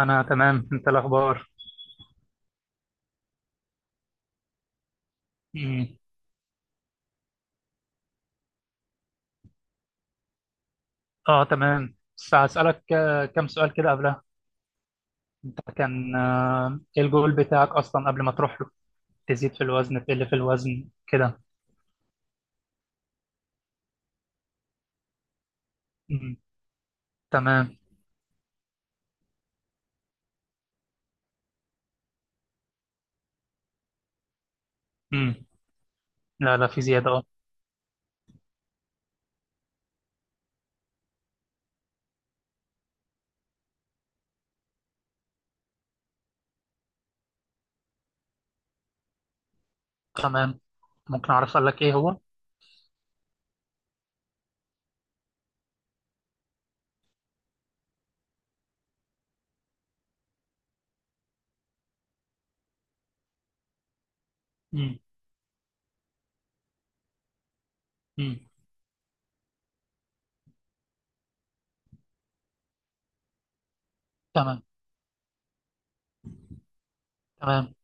انا تمام. انت الاخبار؟ مم. اه تمام، بس هسألك كم سؤال كده قبلها. انت كان ايه الجول بتاعك اصلا قبل ما تروح له؟ تزيد في الوزن؟ تقل في الوزن كده؟ مم. تمام. مم. لا لا، في زيادة، اه. تمام. ممكن اعرف اسألك ايه هو؟ مم. مم. تمام، تمام،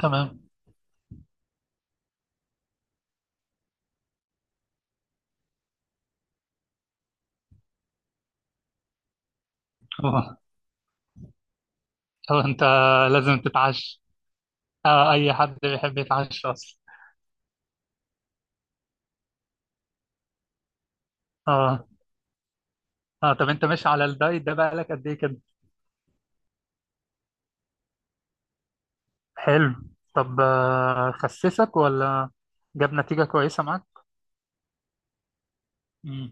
تمام. هو. هو انت لازم تتعشى. آه، اي حد بيحب يتعشى اصلا. اه، اه. طب انت ماشي على الدايت ده بقالك قد ايه كده؟ حلو. طب خسسك ولا جاب نتيجة كويسة معاك؟ مم.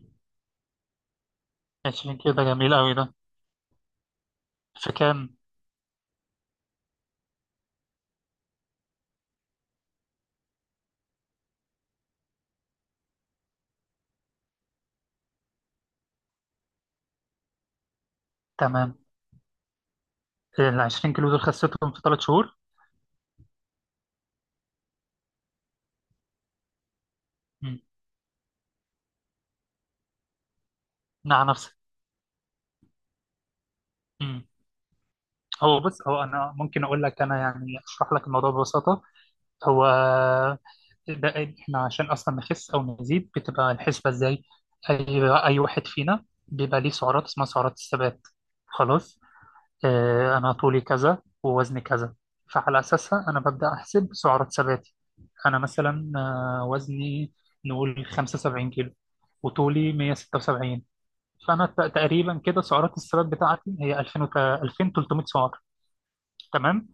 20 كيلو ده جميل قوي ده. في كام؟ تمام. ال 20 كيلو دول خسيتهم في 3 شهور؟ مم. مع نفسك. مم. هو بص، هو أنا ممكن أقول لك، أنا يعني أشرح لك الموضوع ببساطة. هو ده، إحنا عشان أصلا نخس أو نزيد بتبقى الحسبة إزاي؟ أي واحد فينا بيبقى ليه سعرات اسمها سعرات الثبات. خلاص، أنا طولي كذا ووزني كذا، فعلى أساسها أنا ببدأ أحسب سعرات ثباتي. أنا مثلا وزني نقول 75 كيلو، وطولي 176، فأنا تقريبا كده سعرات الثبات بتاعتي هي 2000 وت- 2300 سعر. تمام.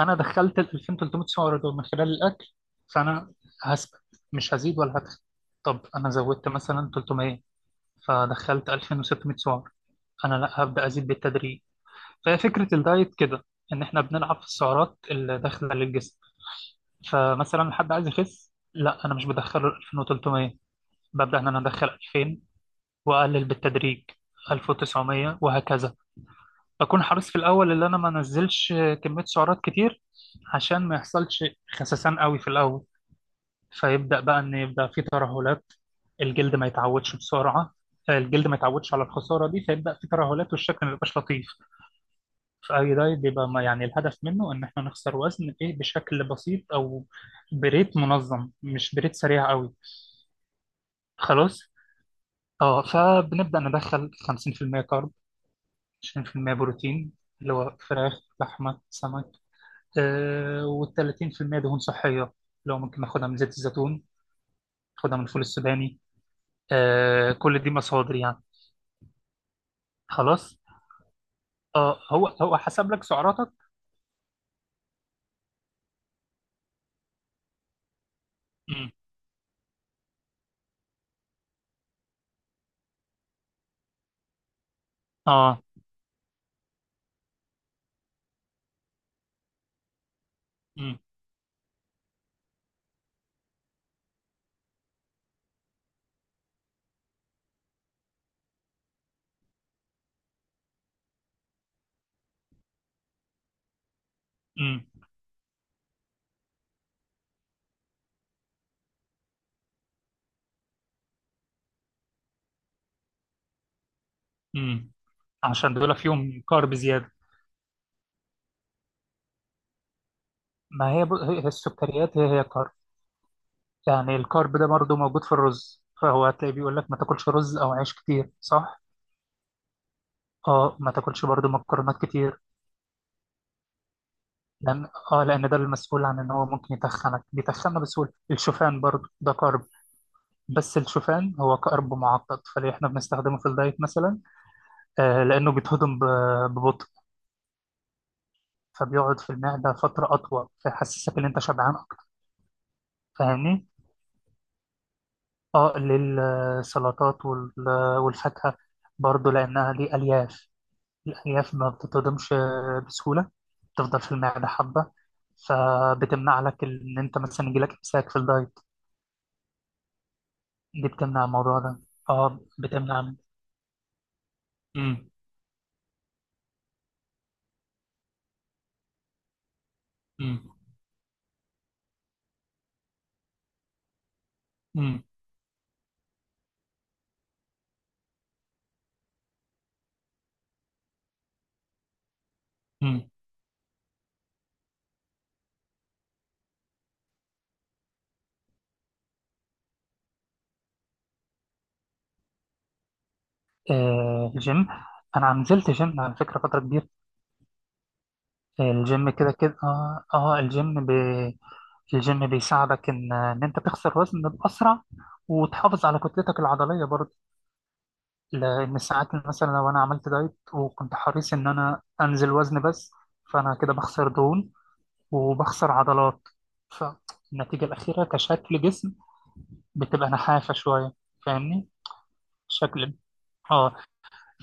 أنا دخلت ال 2300 سعر دول من خلال الأكل، فأنا هثبت، مش هزيد ولا هدخل. طب أنا زودت مثلا 300، فدخلت 2600 سعر، أنا لا، هبدأ أزيد بالتدريج. فهي فكرة الدايت كده، إن إحنا بنلعب في السعرات اللي داخلة للجسم. فمثلا حد عايز يخس، لا أنا مش بدخله 2300، ببدأ إن أنا أدخل 2000 وأقلل بالتدريج، 1900 وهكذا. بكون حريص في الأول إن أنا ما أنزلش كمية سعرات كتير، عشان ما يحصلش خسسان قوي في الأول، فيبدأ بقى إن يبدأ في ترهلات. الجلد ما يتعودش بسرعة. الجلد ما يتعودش على الخسارة دي، فيبدأ في ترهلات والشكل ما يبقاش لطيف. اي دايت بيبقى يعني الهدف منه ان احنا نخسر وزن، ايه، بشكل بسيط او بريت منظم، مش بريت سريع قوي. خلاص. اه، فبنبدا ندخل 50% كارب، 20% بروتين اللي هو فراخ لحمه سمك، آه، وال 30% دهون صحيه، لو ممكن ناخدها من زيت الزيتون، ناخدها من الفول السوداني، آه كل دي مصادر يعني. خلاص. اه، هو حسب لك سعراتك؟ مم. اه. مم. مم. مم. عشان دول فيهم كارب زيادة. ما هي هي السكريات، هي كارب. يعني الكارب ده برضه موجود في الرز، فهو هتلاقي بيقول لك ما تاكلش رز او عيش كتير، صح؟ اه، ما تاكلش برضه مكرونات كتير. لان ده المسؤول عن ان هو ممكن يتخنك، بيتخنى بسهوله. الشوفان برضه ده كارب، بس الشوفان هو كارب معقد، فليه احنا بنستخدمه في الدايت مثلا؟ آه، لانه بيتهضم ببطء، فبيقعد في المعده فتره اطول، فيحسسك ان انت شبعان اكتر. فاهمني؟ اه، للسلطات والفاكهة برضو، لأنها دي ألياف. الألياف ما بتتهضمش بسهولة، بتفضل في المعدة حبة، فبتمنع لك إن أنت مثلا يجيلك إمساك في الدايت، دي بتمنع الموضوع ده. اه، بتمنع. امم. امم. امم. امم. آه، الجيم. أنا نزلت جيم على فكرة فترة كبيرة. الجيم كده كده، الجيم بيساعدك إن إن أنت تخسر وزن بأسرع، وتحافظ على كتلتك العضلية برضو. لأن ساعات مثلا لو أنا عملت دايت وكنت حريص إن أنا أنزل وزن بس، فأنا كده بخسر دهون وبخسر عضلات، فالنتيجة الأخيرة كشكل جسم بتبقى نحافة شوية. فاهمني؟ شكل. اه.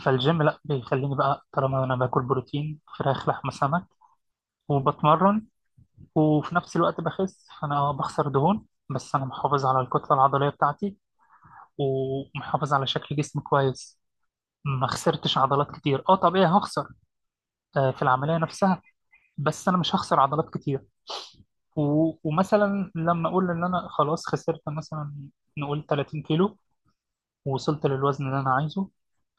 فالجيم لا، بيخليني بقى طالما انا باكل بروتين فراخ لحمه سمك وبتمرن وفي نفس الوقت بخس، فانا بخسر دهون، بس انا محافظ على الكتله العضليه بتاعتي، ومحافظ على شكل جسمي كويس. ما خسرتش عضلات كتير. اه، طبيعي هخسر في العملية نفسها، بس أنا مش هخسر عضلات كتير. ومثلا لما أقول إن أنا خلاص خسرت مثلا، نقول 30 كيلو، ووصلت للوزن اللي أنا عايزه،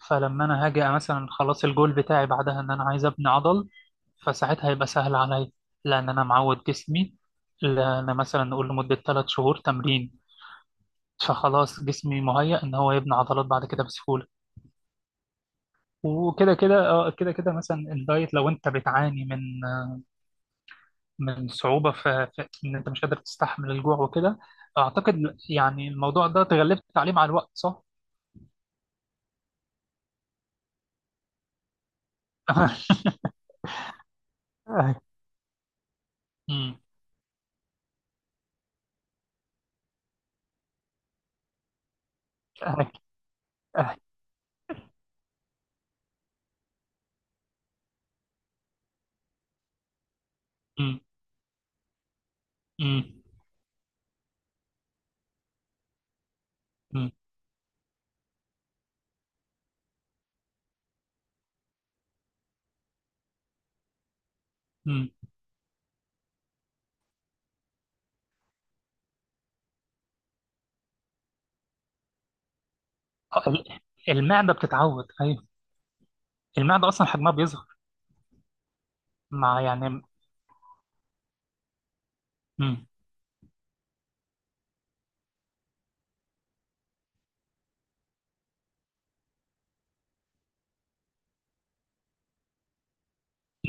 فلما أنا هاجي مثلا خلاص، الجول بتاعي بعدها إن أنا عايز أبني عضل، فساعتها هيبقى سهل عليا، لأن أنا معود جسمي، لأن مثلا نقول لمدة 3 شهور تمرين، فخلاص جسمي مهيأ إن هو يبني عضلات بعد كده بسهولة. وكده كده آه، كده كده مثلا الدايت، لو أنت بتعاني من صعوبة في إن أنت مش قادر تستحمل الجوع وكده، أعتقد يعني الموضوع ده تغلبت عليه مع الوقت، صح؟ أمم. أه. أه. أمم. أمم. أمم. أمم. ال- المعدة بتتعود، أيوه. المعدة أصلا حجمها بيظهر مع يعني. أمم.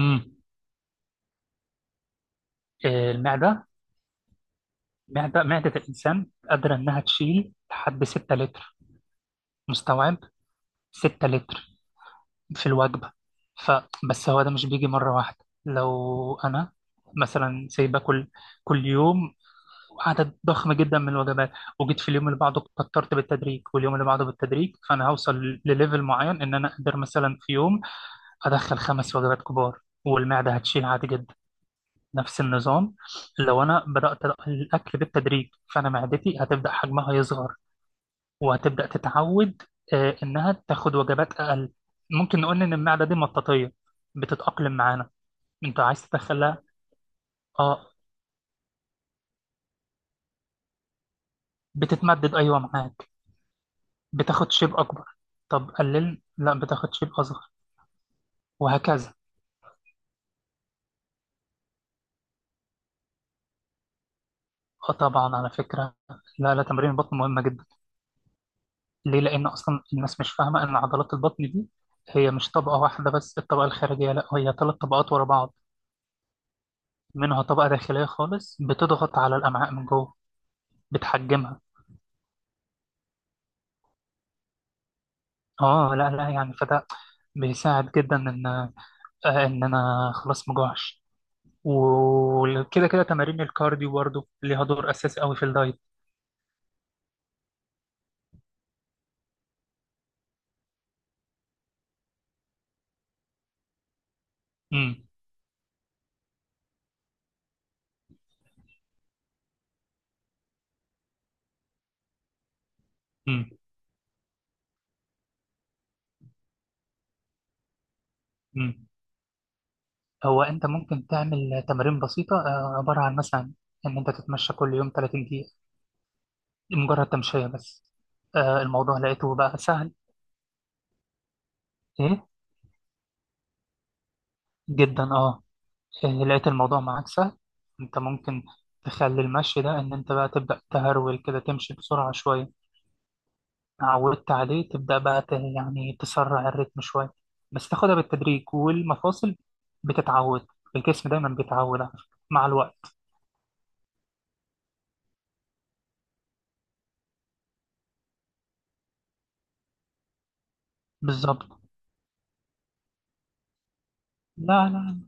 أمم. آه، المعدة. معدة الإنسان قادرة إنها تشيل لحد 6 لتر مستوعب. 6 لتر في الوجبة. ف، بس هو ده مش بيجي مرة واحدة. لو أنا مثلا سايبة كل يوم عدد ضخم جدا من الوجبات، وجيت في اليوم اللي بعده كترت بالتدريج، واليوم اللي بعده بالتدريج، فأنا هوصل لليفل معين إن أنا أقدر مثلا في يوم أدخل خمس وجبات كبار، والمعدة هتشيل عادي جدا. نفس النظام، لو أنا بدأت الأكل بالتدريج فأنا معدتي هتبدأ حجمها يصغر، وهتبدأ تتعود إنها تاخد وجبات أقل. ممكن نقول إن المعدة دي مطاطية، بتتأقلم معانا، أنت عايز تدخلها. أه، بتتمدد، أيوة معاك، بتاخد شيب أكبر. طب قلل، لا بتاخد شيب أصغر، وهكذا. أه، طبعا على فكرة، لا لا، تمرين البطن مهمة جدا. ليه؟ لأن أصلا الناس مش فاهمة إن عضلات البطن دي هي مش طبقة واحدة بس، الطبقة الخارجية، لا هي ثلاث طبقات ورا بعض، منها طبقة داخلية خالص بتضغط على الأمعاء من جوه، بتحجمها. اه، لا لا يعني، فده بيساعد جدا ان ان انا خلاص مجوعش. وكده كده تمارين الكارديو برضو ليها دور اساسي قوي في الدايت. امم. امم. امم. هو انت ممكن تعمل تمارين بسيطه عباره عن مثلا ان انت تتمشى كل يوم 30 دقيقه، مجرد تمشيه بس. الموضوع لقيته بقى سهل. ايه، جدا، اه. إيه، لقيت الموضوع معاك سهل. انت ممكن تخلي المشي ده ان انت بقى تبدا تهرول كده، تمشي بسرعه شويه، عودت عليه تبدأ بقى يعني تسرع الريتم شوية، بس تاخدها بالتدريج والمفاصل بتتعود. الجسم دايما بيتعود على فكرة مع الوقت. بالظبط. لا لا.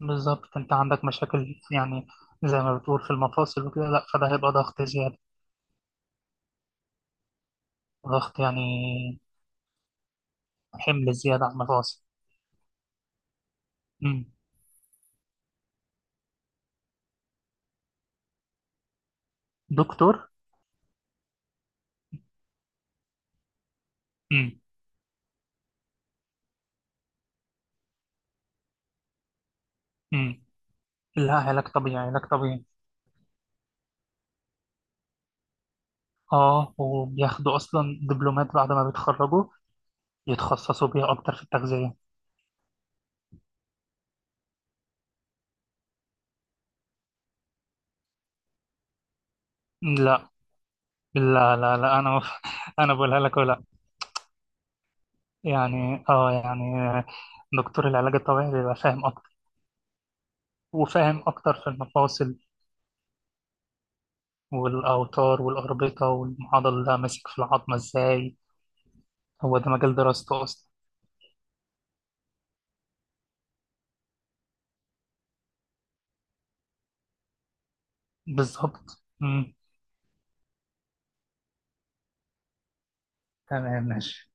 بالظبط انت عندك مشاكل يعني، زي ما بتقول في المفاصل وكده، لا فده هيبقى ضغط زيادة، ضغط يعني حمل زيادة على المفاصل. مم. دكتور. مم. مم. لا، علاج طبيعي، علاج طبيعي. اه، وبياخدوا اصلا دبلومات بعد ما بيتخرجوا يتخصصوا بيها اكتر في التغذية. لا لا لا لا، انا انا بقولها لك، ولا يعني يعني دكتور العلاج الطبيعي بيبقى فاهم اكتر، وفاهم اكتر في المفاصل والاوتار والاربطه والمعضل، ده ماسك في العظمه ازاي. هو ده مجال دراسته اصلا. بالظبط. مم. تمام، ماشي.